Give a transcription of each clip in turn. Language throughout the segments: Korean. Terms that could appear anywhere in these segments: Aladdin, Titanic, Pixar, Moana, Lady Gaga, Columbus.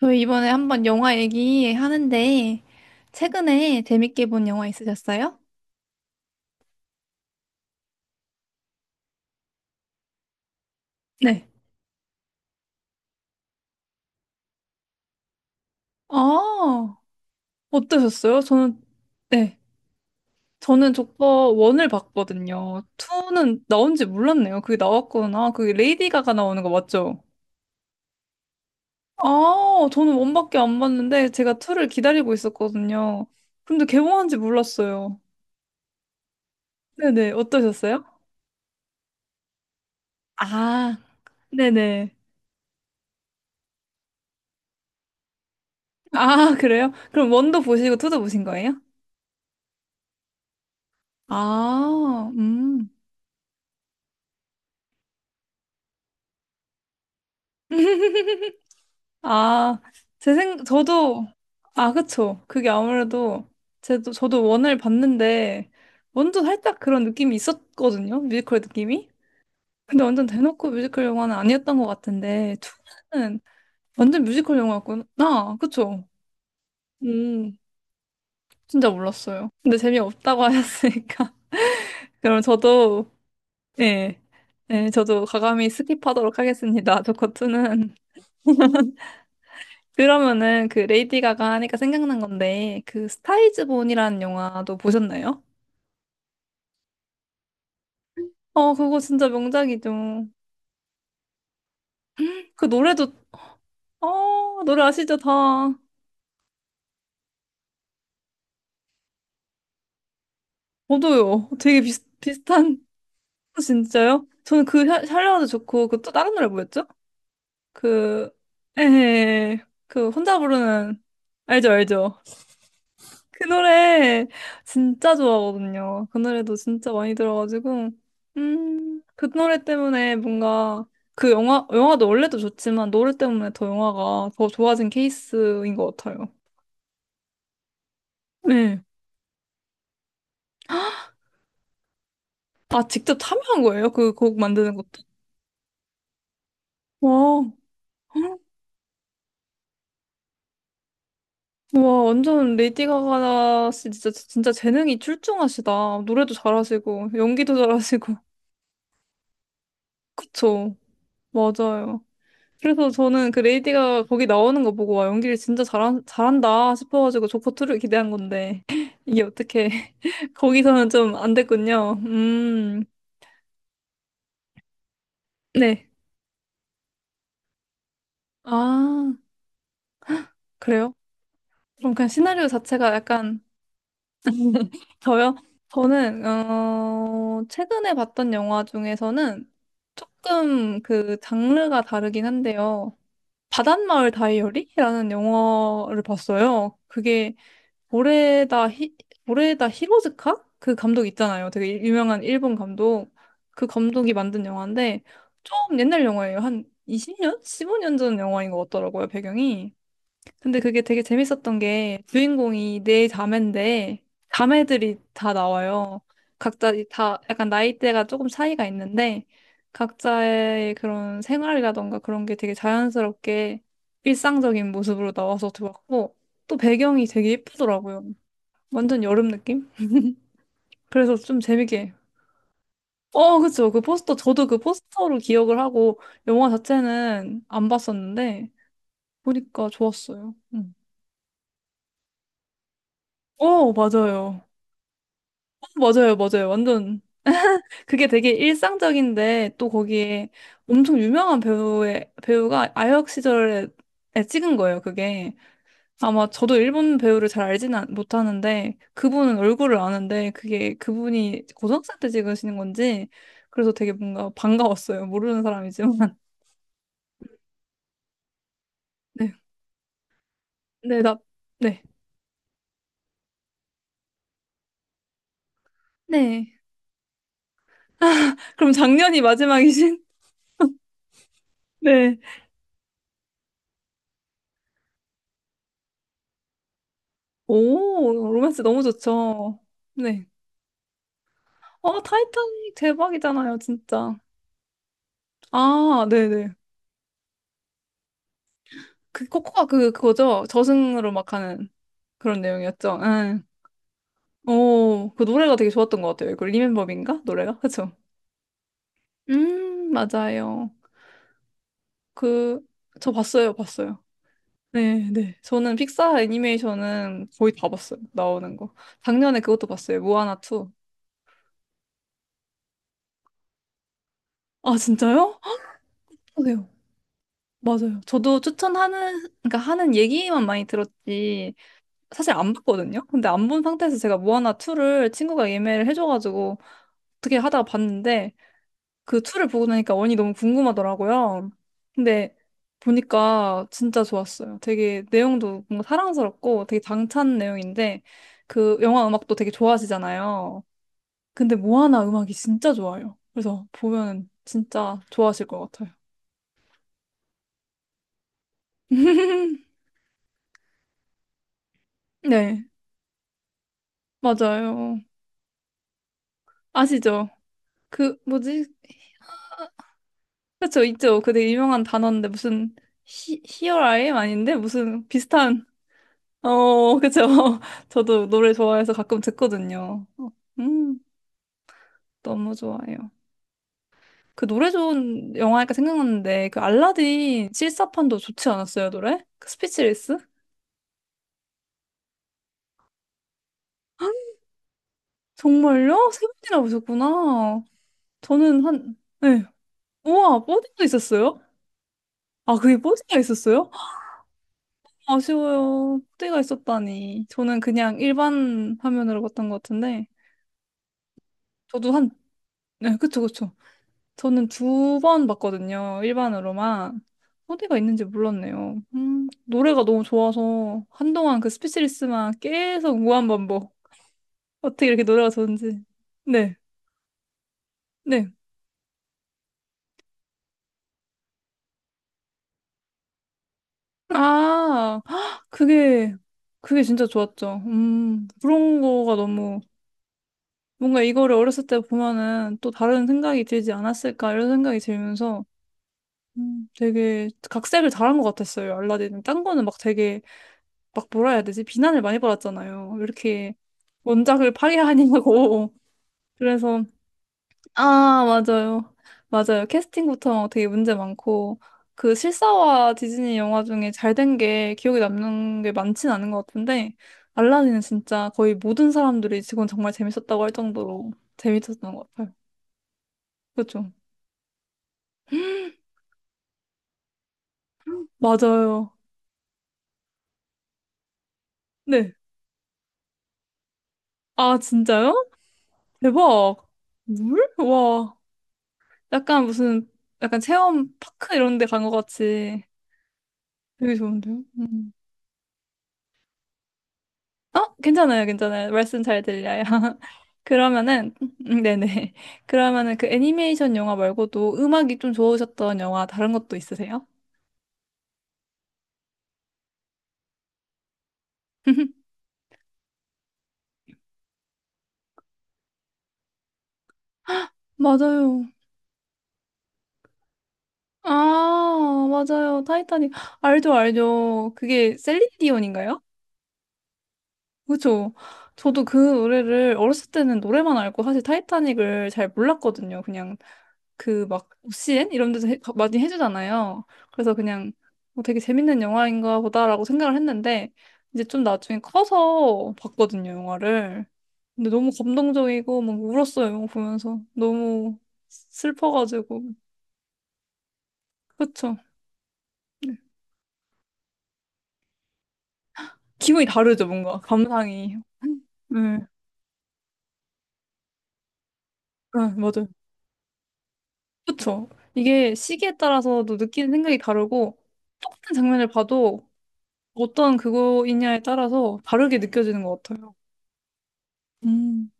저희 이번에 한번 영화 얘기하는데, 최근에 재밌게 본 영화 있으셨어요? 네. 아, 어떠셨어요? 저는, 네. 저는 조커 1을 봤거든요. 2는 나온지 몰랐네요. 그게 나왔구나. 그게 레이디 가가 나오는 거 맞죠? 아, 저는 1밖에 안 봤는데, 제가 2를 기다리고 있었거든요. 근데 개봉한지 몰랐어요. 네네, 어떠셨어요? 아, 네네. 아, 그래요? 그럼 1도 보시고 2도 보신 거예요? 아, 아, 저도, 아, 그쵸. 그게 아무래도, 저도 원을 봤는데, 먼저 살짝 그런 느낌이 있었거든요. 뮤지컬 느낌이. 근데 완전 대놓고 뮤지컬 영화는 아니었던 것 같은데, 투는 완전 뮤지컬 영화였구나. 아, 그쵸. 음, 진짜 몰랐어요. 근데 재미없다고 하셨으니까. 그럼 저도, 예, 예, 저도 과감히 스킵하도록 하겠습니다. 조커투는, 그러면은 그 레이디 가가 하니까 생각난 건데 그 스타이즈 본이라는 영화도 보셨나요? 어 그거 진짜 명작이죠. 그 노래도, 어 노래 아시죠 다. 저도요. 되게 비슷한. 진짜요? 저는 그 샬로우도 좋고 그 또 다른 노래 뭐였죠? 그, 에헤 그 혼자 부르는, 알죠 알죠. 그 노래 진짜 좋아하거든요. 그 노래도 진짜 많이 들어가지고, 그 노래 때문에 뭔가 그 영화도 원래도 좋지만 노래 때문에 더 영화가 더 좋아진 케이스인 것 같아요. 네. 아, 직접 참여한 거예요? 그 곡 만드는 것도? 와, 와, 완전 레이디 가가 씨 진짜, 진짜 재능이 출중하시다. 노래도 잘하시고, 연기도 잘하시고. 그쵸. 맞아요. 그래서 저는 그 레이디가 거기 나오는 거 보고 와 연기를 진짜 잘한다 싶어가지고 조커 2를 기대한 건데 이게 어떻게 거기서는 좀 안 됐군요. 네. 아, 그래요? 그럼 그냥 시나리오 자체가 약간, 저요? 저는 어 최근에 봤던 영화 중에서는 조금 그 장르가 다르긴 한데요. 바닷마을 다이어리라는 영화를 봤어요. 그게, 보레다 히, 보레다 히로즈카? 그 감독 있잖아요. 되게 유명한 일본 감독. 그 감독이 만든 영화인데 좀 옛날 영화예요. 한 20년? 15년 전 영화인 것 같더라고요, 배경이. 근데 그게 되게 재밌었던 게 주인공이 네 자매인데 자매들이 다 나와요. 각자 다 약간 나이대가 조금 차이가 있는데 각자의 그런 생활이라던가 그런 게 되게 자연스럽게 일상적인 모습으로 나와서 좋았고 또 배경이 되게 예쁘더라고요. 완전 여름 느낌? 그래서 좀 재밌게. 어, 그쵸. 그 포스터, 저도 그 포스터로 기억을 하고, 영화 자체는 안 봤었는데, 보니까 좋았어요. 응. 어, 맞아요. 어, 맞아요, 맞아요. 완전. 그게 되게 일상적인데, 또 거기에 엄청 유명한 배우가 아역 시절에 찍은 거예요, 그게. 아마 저도 일본 배우를 잘 알지는 못하는데 그분은 얼굴을 아는데 그게 그분이 고등학생 때 찍으시는 건지, 그래서 되게 뭔가 반가웠어요. 모르는 사람이지만. 네. 네, 나, 네. 네. 그럼 작년이 마지막이신? 네. 오, 로맨스 너무 좋죠. 네. 어, 타이타닉 대박이잖아요, 진짜. 아, 네네. 그 코코가 그, 그거죠? 저승으로 막 하는 그런 내용이었죠. 응. 오, 그 노래가 되게 좋았던 것 같아요. 그 리멤버인가? 노래가? 그쵸? 맞아요. 그, 저 봤어요, 봤어요. 네, 네. 저는 픽사 애니메이션은 거의 다 봤어요, 나오는 거. 작년에 그것도 봤어요, 모아나 2. 아, 진짜요? 그래요. 맞아요. 저도 추천하는, 그러니까 하는 얘기만 많이 들었지, 사실 안 봤거든요? 근데 안 본 상태에서 제가 모아나 2를 친구가 예매를 해줘가지고 어떻게 하다가 봤는데, 그 툴을 보고 나니까 원이 너무 궁금하더라고요. 근데 보니까 진짜 좋았어요. 되게 내용도 뭔가 사랑스럽고 되게 당찬 내용인데, 그 영화 음악도 되게 좋아하시잖아요. 근데 모아나 음악이 진짜 좋아요. 그래서 보면 진짜 좋아하실 것 같아요. 네, 맞아요. 아시죠? 그 뭐지? 그쵸, 있죠. 그 되게 유명한 단어인데 무슨, 히어라임 아닌데 무슨 비슷한, 어, 그쵸. 저도 노래 좋아해서 가끔 듣거든요. 어, 음, 너무 좋아요. 그 노래 좋은 영화니까 생각났는데, 그 알라딘 실사판도 좋지 않았어요, 노래? 그 스피치리스? 정말요? 세 번이나 보셨구나. 저는 한, 네. 우와, 뽀디도 있었어요? 아, 그게 뽀디가 있었어요? 아쉬워요. 뽀디가 있었다니. 저는 그냥 일반 화면으로 봤던 것 같은데, 저도 한, 네, 그쵸, 그쵸. 저는 두 번 봤거든요. 일반으로만. 어디가 있는지 몰랐네요. 노래가 너무 좋아서 한동안 그 스피치리스만 계속 무한반복. 어떻게 이렇게 노래가 좋은지. 네, 네. 아, 헉, 그게, 그게 진짜 좋았죠. 그런 거가 너무, 뭔가 이거를 어렸을 때 보면은 또 다른 생각이 들지 않았을까 이런 생각이 들면서, 되게 각색을 잘한 것 같았어요. 알라딘은 딴 거는 막 되게, 막 뭐라 해야 되지? 비난을 많이 받았잖아요. 왜 이렇게 원작을 파괴하냐고. 그래서, 아, 맞아요. 맞아요. 캐스팅부터 되게 문제 많고, 그 실사와 디즈니 영화 중에 잘 된 게 기억에 남는 게 많진 않은 것 같은데, 알라딘은 진짜 거의 모든 사람들이 지금 정말 재밌었다고 할 정도로 재밌었던 것 같아요. 그렇죠. 맞아요. 네. 아, 진짜요? 대박. 물? 와. 약간 무슨, 약간 체험 파크 이런 데 간 것 같이. 되게 좋은데요? 음. 어, 괜찮아요, 괜찮아요. 말씀 잘 들려요. 그러면은, 네네. 그러면은 그 애니메이션 영화 말고도 음악이 좀 좋으셨던 영화 다른 것도 있으세요? 맞아요. 아, 맞아요. 타이타닉. 알죠, 알죠. 그게 셀린디온인가요? 그죠. 저도 그 노래를 어렸을 때는 노래만 알고 사실 타이타닉을 잘 몰랐거든요. 그냥 그 막오 c 엔 이런 데서 많이 해주잖아요. 그래서 그냥 뭐 되게 재밌는 영화인가 보다라고 생각을 했는데 이제 좀 나중에 커서 봤거든요, 영화를. 근데 너무 감동적이고 막 울었어요, 영화 보면서. 너무 슬퍼가지고. 그쵸. 네. 기분이 다르죠, 뭔가. 감상이. 네, 네, 맞아요. 그쵸. 이게 시기에 따라서도 느끼는 생각이 다르고 똑같은 장면을 봐도 어떤 그거이냐에 따라서 다르게 느껴지는 것 같아요. 음.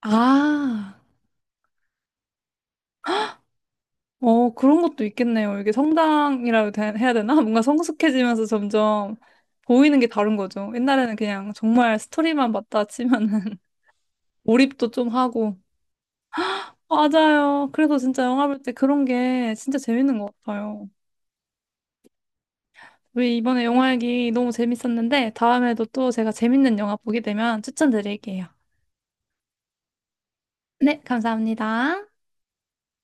아, 어, 그런 것도 있겠네요. 이게 성당이라고 해야 되나? 뭔가 성숙해지면서 점점 보이는 게 다른 거죠. 옛날에는 그냥 정말 스토리만 봤다 치면은, 몰입도 좀 하고. 맞아요. 그래서 진짜 영화 볼 때 그런 게 진짜 재밌는 것 같아요. 우리 이번에 영화 얘기 너무 재밌었는데 다음에도 또 제가 재밌는 영화 보게 되면 추천드릴게요. 네, 감사합니다.